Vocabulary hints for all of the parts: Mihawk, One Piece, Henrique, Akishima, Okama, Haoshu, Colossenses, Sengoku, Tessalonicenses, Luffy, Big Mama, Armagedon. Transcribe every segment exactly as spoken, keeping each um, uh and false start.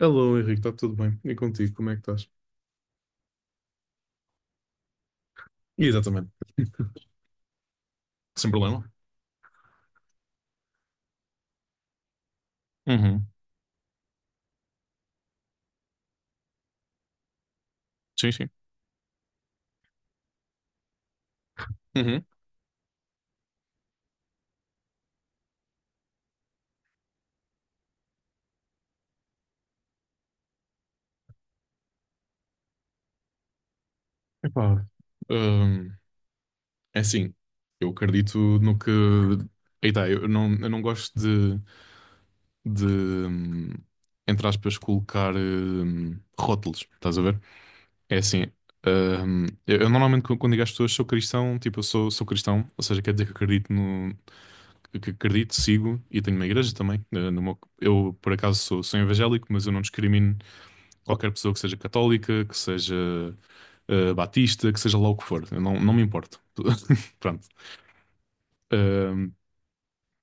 Alô, Henrique, está tudo bem? E contigo, como é que estás? Exatamente. Sem problema. Uhum. Sim, sim. Uhum. Epá, Hum, é assim, eu acredito no que. Eita, eu não, eu não gosto de, de, hum, entre aspas, colocar hum, rótulos, estás a ver? É assim, hum, eu, eu normalmente quando quando digo às pessoas sou cristão, tipo, eu sou, sou cristão, ou seja, quer dizer que acredito no, que acredito, sigo e tenho uma igreja também. Eh, no meu- eu, por acaso, sou, sou evangélico, mas eu não discrimino qualquer pessoa que seja católica, que seja eh, batista, que seja lá o que for. Eu não, não me importo. Pronto. Ahm,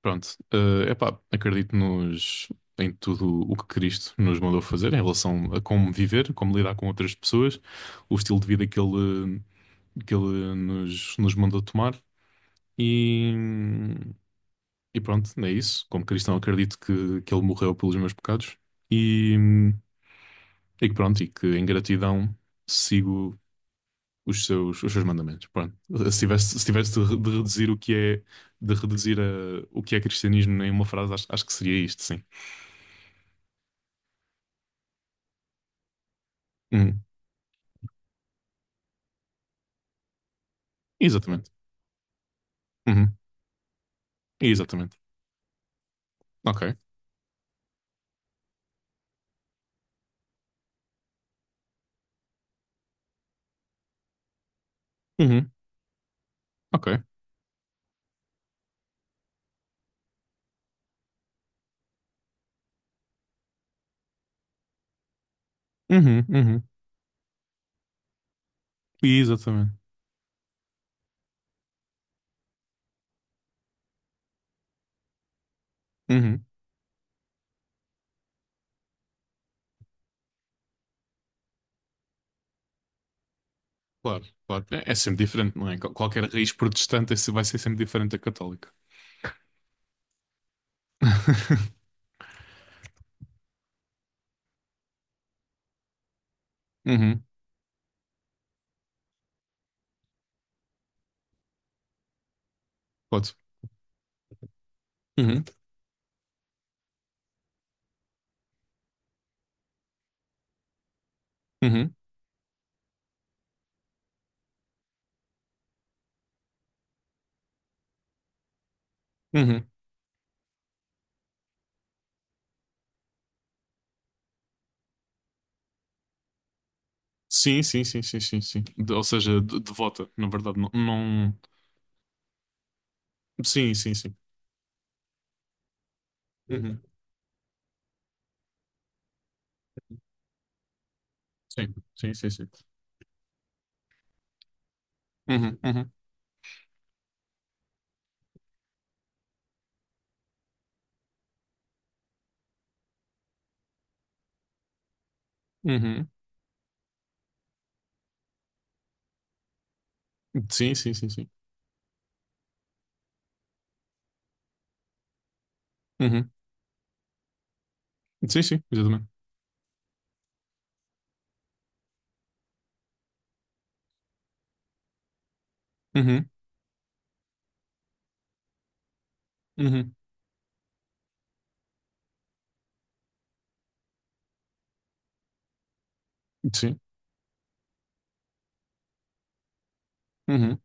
Pronto. Eh, epá, acredito nos, em tudo o que Cristo nos mandou fazer em relação a como viver, como lidar com outras pessoas, o estilo de vida que ele, que ele nos, nos mandou tomar. E, E pronto, é isso. Como cristão, acredito que, que ele morreu pelos meus pecados. E, e que pronto, e que em gratidão sigo os seus, os seus mandamentos. Pronto. Se tivesse, se tivesse de re- de reduzir o que é, de reduzir a- o que é cristianismo em uma frase, acho, acho que seria isto, sim. Uhum. Exatamente. Uhum. Exatamente. Ok. Uhum. Ok. Uhum. Uhum. Exatamente. Uhum. Claro, claro. É, é sempre diferente, não é? Qual- Qualquer raiz protestante é se vai ser sempre diferente da católica. Uhum. Pode. Uhum. Uhum, uhum. Sim, sim, sim, sim, sim, sim. De- ou seja, de- devota, na verdade, não, não- Sim, sim, sim. Uhum. Sim, sim, sim, sim. Uhum, uhum, uhum. Sim, sim, sim, sim. Uhum. Sim, sim, exatamente. Uhum, uhum. Sim. Uhum,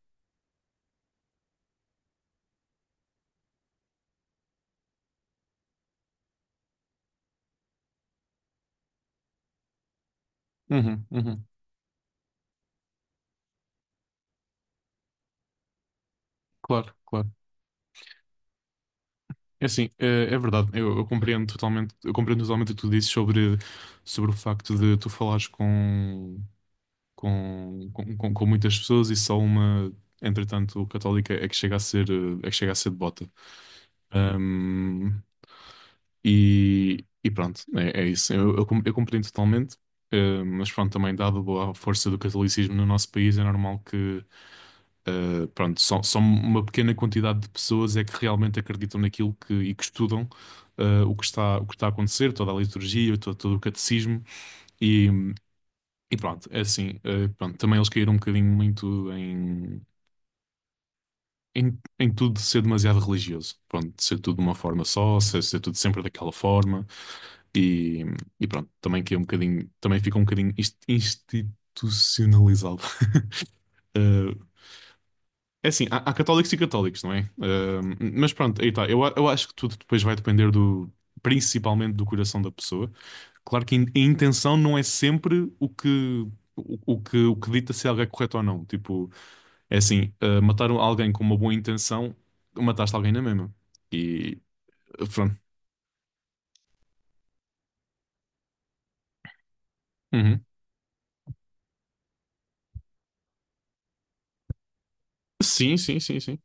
uhum, uhum. Claro, claro. É assim, é, é verdade. Eu, eu compreendo totalmente, eu compreendo totalmente o que tu dizes sobre, sobre o facto de tu falares com, com, com, com com muitas pessoas e só uma, entretanto, católica é que chega a ser, eh, é que chega a ser devota. Um, e, e pronto, é, é isso. Eu, eu, com- eu compreendo totalmente, uh, mas pronto, também dado a força do catolicismo no nosso país, é normal que, uh, pronto, só, só uma pequena quantidade de pessoas é que realmente acreditam naquilo que, e que estudam, uh, o que está, o que está a acontecer, toda a liturgia, todo, todo o catecismo, e, e pronto, é assim. Uh, pronto, também eles caíram um bocadinho muito em. em, em tudo ser demasiado religioso. Pronto, ser tudo de uma forma só, ser, ser tudo sempre daquela forma. E, e pronto, também que é um bocadinho, também fica um bocadinho inst- institucionalizado. Eh, é assim, há, há católicos e católicos, não é? Eh, mas pronto, aí está. Eu, a- eu acho que tudo depois vai depender do, principalmente do coração da pessoa. Claro que in- a intenção não é sempre o que, o, o que, o que dita se algo é correto ou não. Tipo, é assim, eh, matar um, alguém com uma boa intenção, mataste alguém na mesma. E eh, pronto. Uhum. Sim, sim, sim, sim.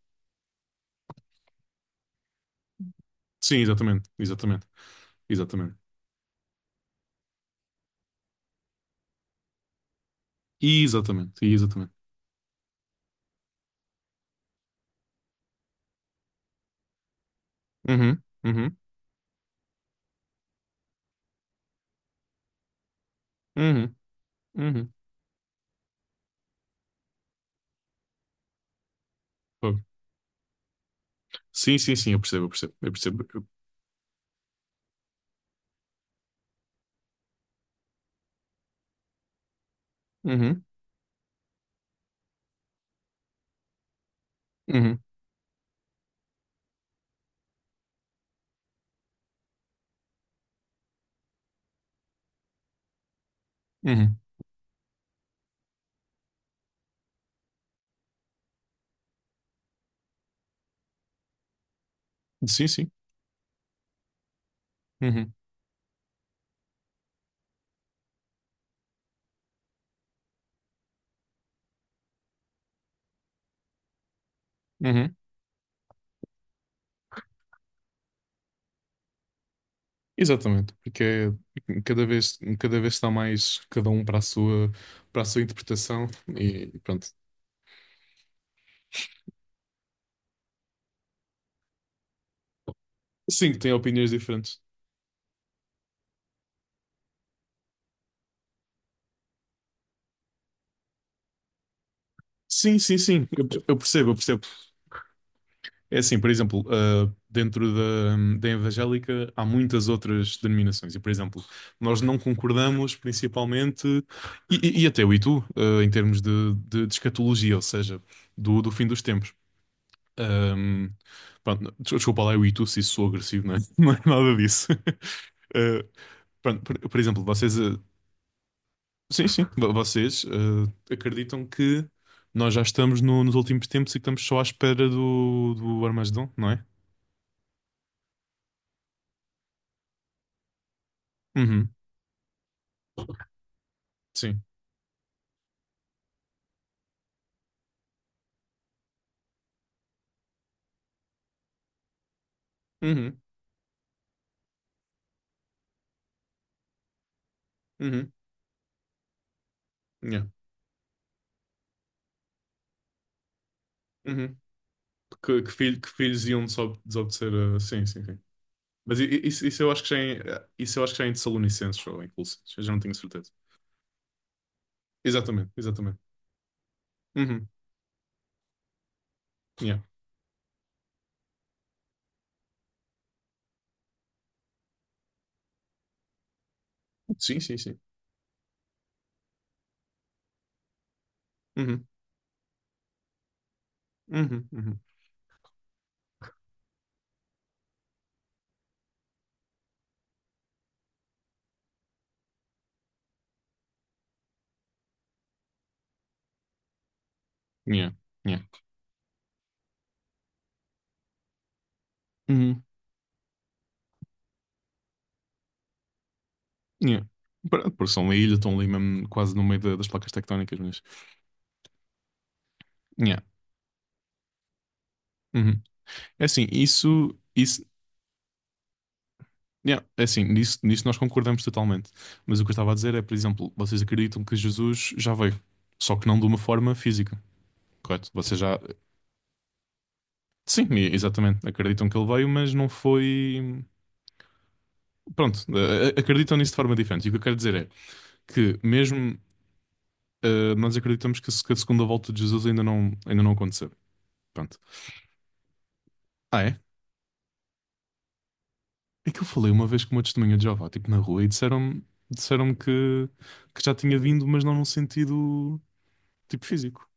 Sim, exatamente, exatamente, exatamente. Exatamente, exatamente. Uhum, uhum, uhum, uhum. Fogo. Sim, sim, sim, eu percebo, eu percebo, eu percebo. Eu- Uhum, uhum, uhum. Sim, sim. Uhum, uhum. Exatamente, porque é- cada vez, cada vez está mais cada um para a sua, para a sua interpretação e pronto. Sim, que tem opiniões diferentes. Sim, sim, sim, eu, eu percebo, eu percebo. É assim, por exemplo, ah, dentro da, da evangélica há muitas outras denominações e, por exemplo, nós não concordamos principalmente, e, e- e até eu e tu, ah, em termos de, de, de escatologia, ou seja, do, do fim dos tempos. Ahm, Pronto, des- desculpa lá, eu e tu, se isso sou agressivo, não é? Não é nada disso. Ah, pronto, por, por exemplo, vocês. Ah, Sim, sim. Vo- Vocês eh, acreditam que nós já estamos no- nos últimos tempos e que estamos só à espera do, do Armagedon, não é? Uhum. Sim. Uhum. Uhum. Yeah. Uhum. Que, que, filho- que filhos iam desob- desobedecer a... Sim, sim, sim. Mas i- i- isso, isso eu acho que já é, em- isso eu acho que já é em Tessalonicenses ou em Colossenses. Eu já não tenho certeza. Exatamente, exatamente. Uhum. Yeah. Sim, sim, sim. Uhum. Uhum. Uhum. Yeah. Yeah. Uhum. Yeah. Pronto, porque são uma ilha, estão ali mesmo quase no meio da- das placas tectónicas, mas... yeah. Uhum. É assim, isso, isso, yeah, é assim, nisso, nisso nós concordamos totalmente. Mas o que eu estava a dizer é, por exemplo, vocês acreditam que Jesus já veio, só que não de uma forma física, correto? Vocês já, sim, e- exatamente, acreditam que ele veio, mas não foi. Pronto, a- a- acreditam nisso de forma diferente. E o que eu quero dizer é que, mesmo eh, nós acreditamos que a se- que a segunda volta de Jesus ainda não, ainda não aconteceu. Pronto. Ah, é? É que eu falei uma vez com uma testemunha de Jeová, tipo, na rua, e disseram-me disseram-me que, que já tinha vindo, mas não num sentido, tipo, físico.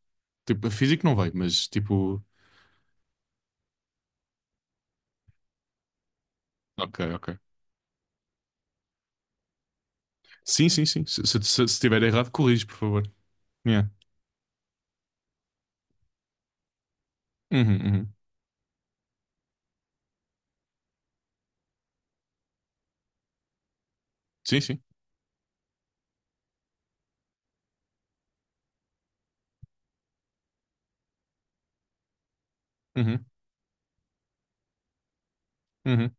Tipo, físico não vai, mas, tipo... Ok, ok. Sim, sim, sim. Se, se, se estiver errado, corrige, por favor. Yeah. Uhum, uhum. Sim, sim. Uhum, uhum.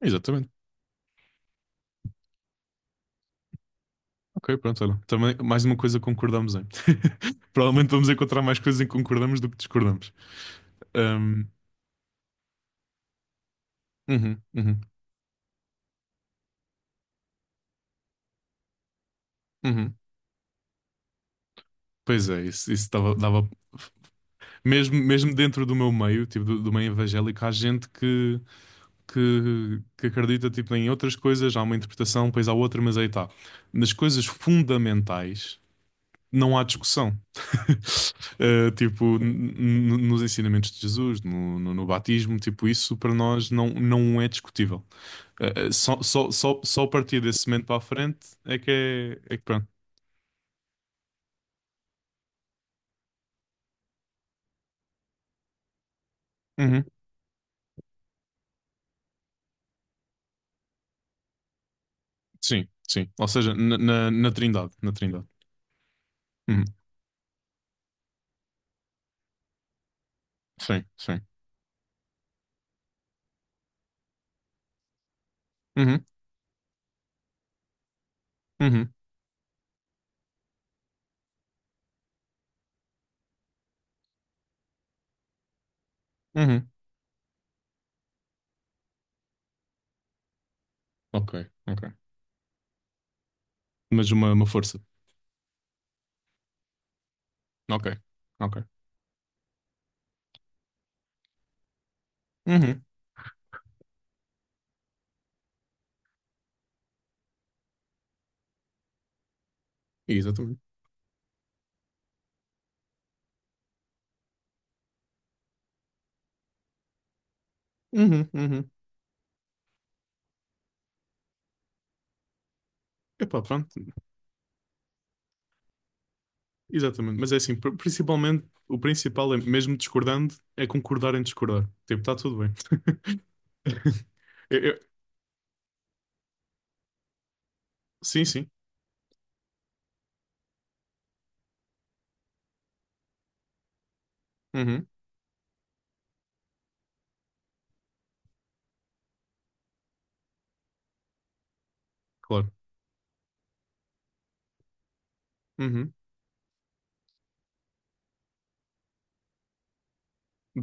Exatamente. Ok, pronto, olha. Também, mais uma coisa que concordamos em. Provavelmente vamos encontrar mais coisas em que concordamos do que discordamos. Ahm, uhum, uhum, uhum. Pois é, isso, isso dava, dava- Mesmo, mesmo dentro do meu meio, tipo, do, do meio evangélico, há gente que, que, que acredita, tipo, em outras coisas, há uma interpretação, depois há outra, mas aí está. Nas coisas fundamentais não há discussão. Eh, tipo, n- n- nos ensinamentos de Jesus, no, no, no batismo, tipo, isso para nós não, não é discutível. Eh, eh, só, só, só, só a partir desse momento para a frente é que é, é que pronto. Uhum. Sim, sim. Ou seja, na, na, na Trindade, na Trindade. Uhum. Sim, sim. Uhum. Uhum, uhum. Ok, ok. Mas uma, uma força. Ok, ok. Uhum, exatamente. Uhum, uhum. Epá, pronto. Exatamente. Mas é assim, pr- principalmente, o principal é, mesmo discordando, é concordar em discordar. Tipo, está tudo bem. Eu- eu- sim, sim. Uhum, claro. Uhum.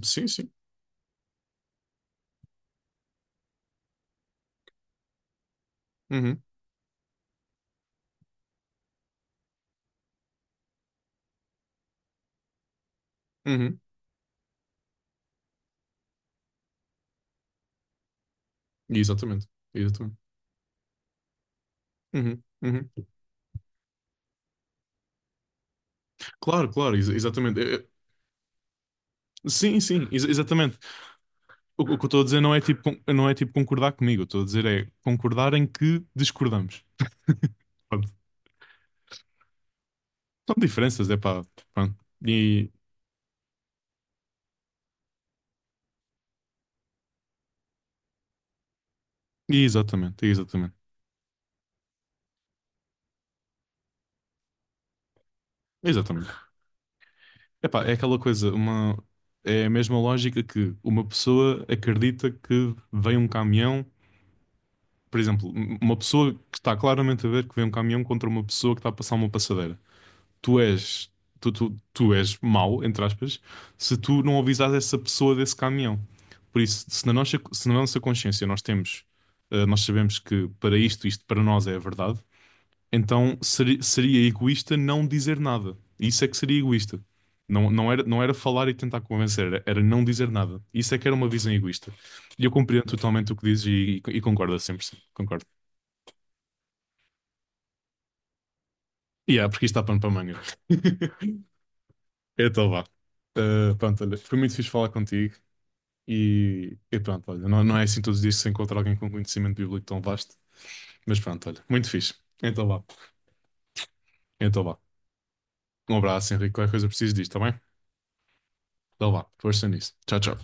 Sim, sim. Uhum, uhum. Exatamente. Exatamente. Uhum, uhum. Claro, claro, ex- exatamente. Eu- eu- sim, sim, ex- exatamente. O, o que eu estou a dizer não é tipo, con- não é tipo concordar comigo, estou a dizer é concordar em que discordamos. Pronto. São diferenças, é pá. Pronto. E, e exatamente, e exatamente. Exatamente. É pá, é aquela coisa, uma, é a mesma lógica que uma pessoa acredita que vem um caminhão, por exemplo, um- uma pessoa que está claramente a ver que vem um caminhão contra uma pessoa que está a passar uma passadeira. tu és, tu, tu, tu és mau, entre aspas, se tu não avisares essa pessoa desse caminhão. Por isso, se na nossa, se na nossa consciência nós temos, eh, nós sabemos que para isto, isto para nós é a verdade, então seri- seria egoísta não dizer nada. Isso é que seria egoísta. Não, não era, não era falar e tentar convencer, era, era não dizer nada. Isso é que era uma visão egoísta. E eu compreendo totalmente o que dizes e, e, e concordo a cem por cento. Concordo. E yeah, porque isto dá pano para manga. Então vá. Ah, pronto, olha, foi muito fixe falar contigo e, e pronto, olha, não, não é assim todos os dias que se encontra alguém com conhecimento bíblico tão vasto, mas pronto, olha, muito fixe. Então vá. Então vá. Um abraço, Henrique. Qualquer coisa preciso disto, tá bem? Então vá, força nisso. Tchau, tchau.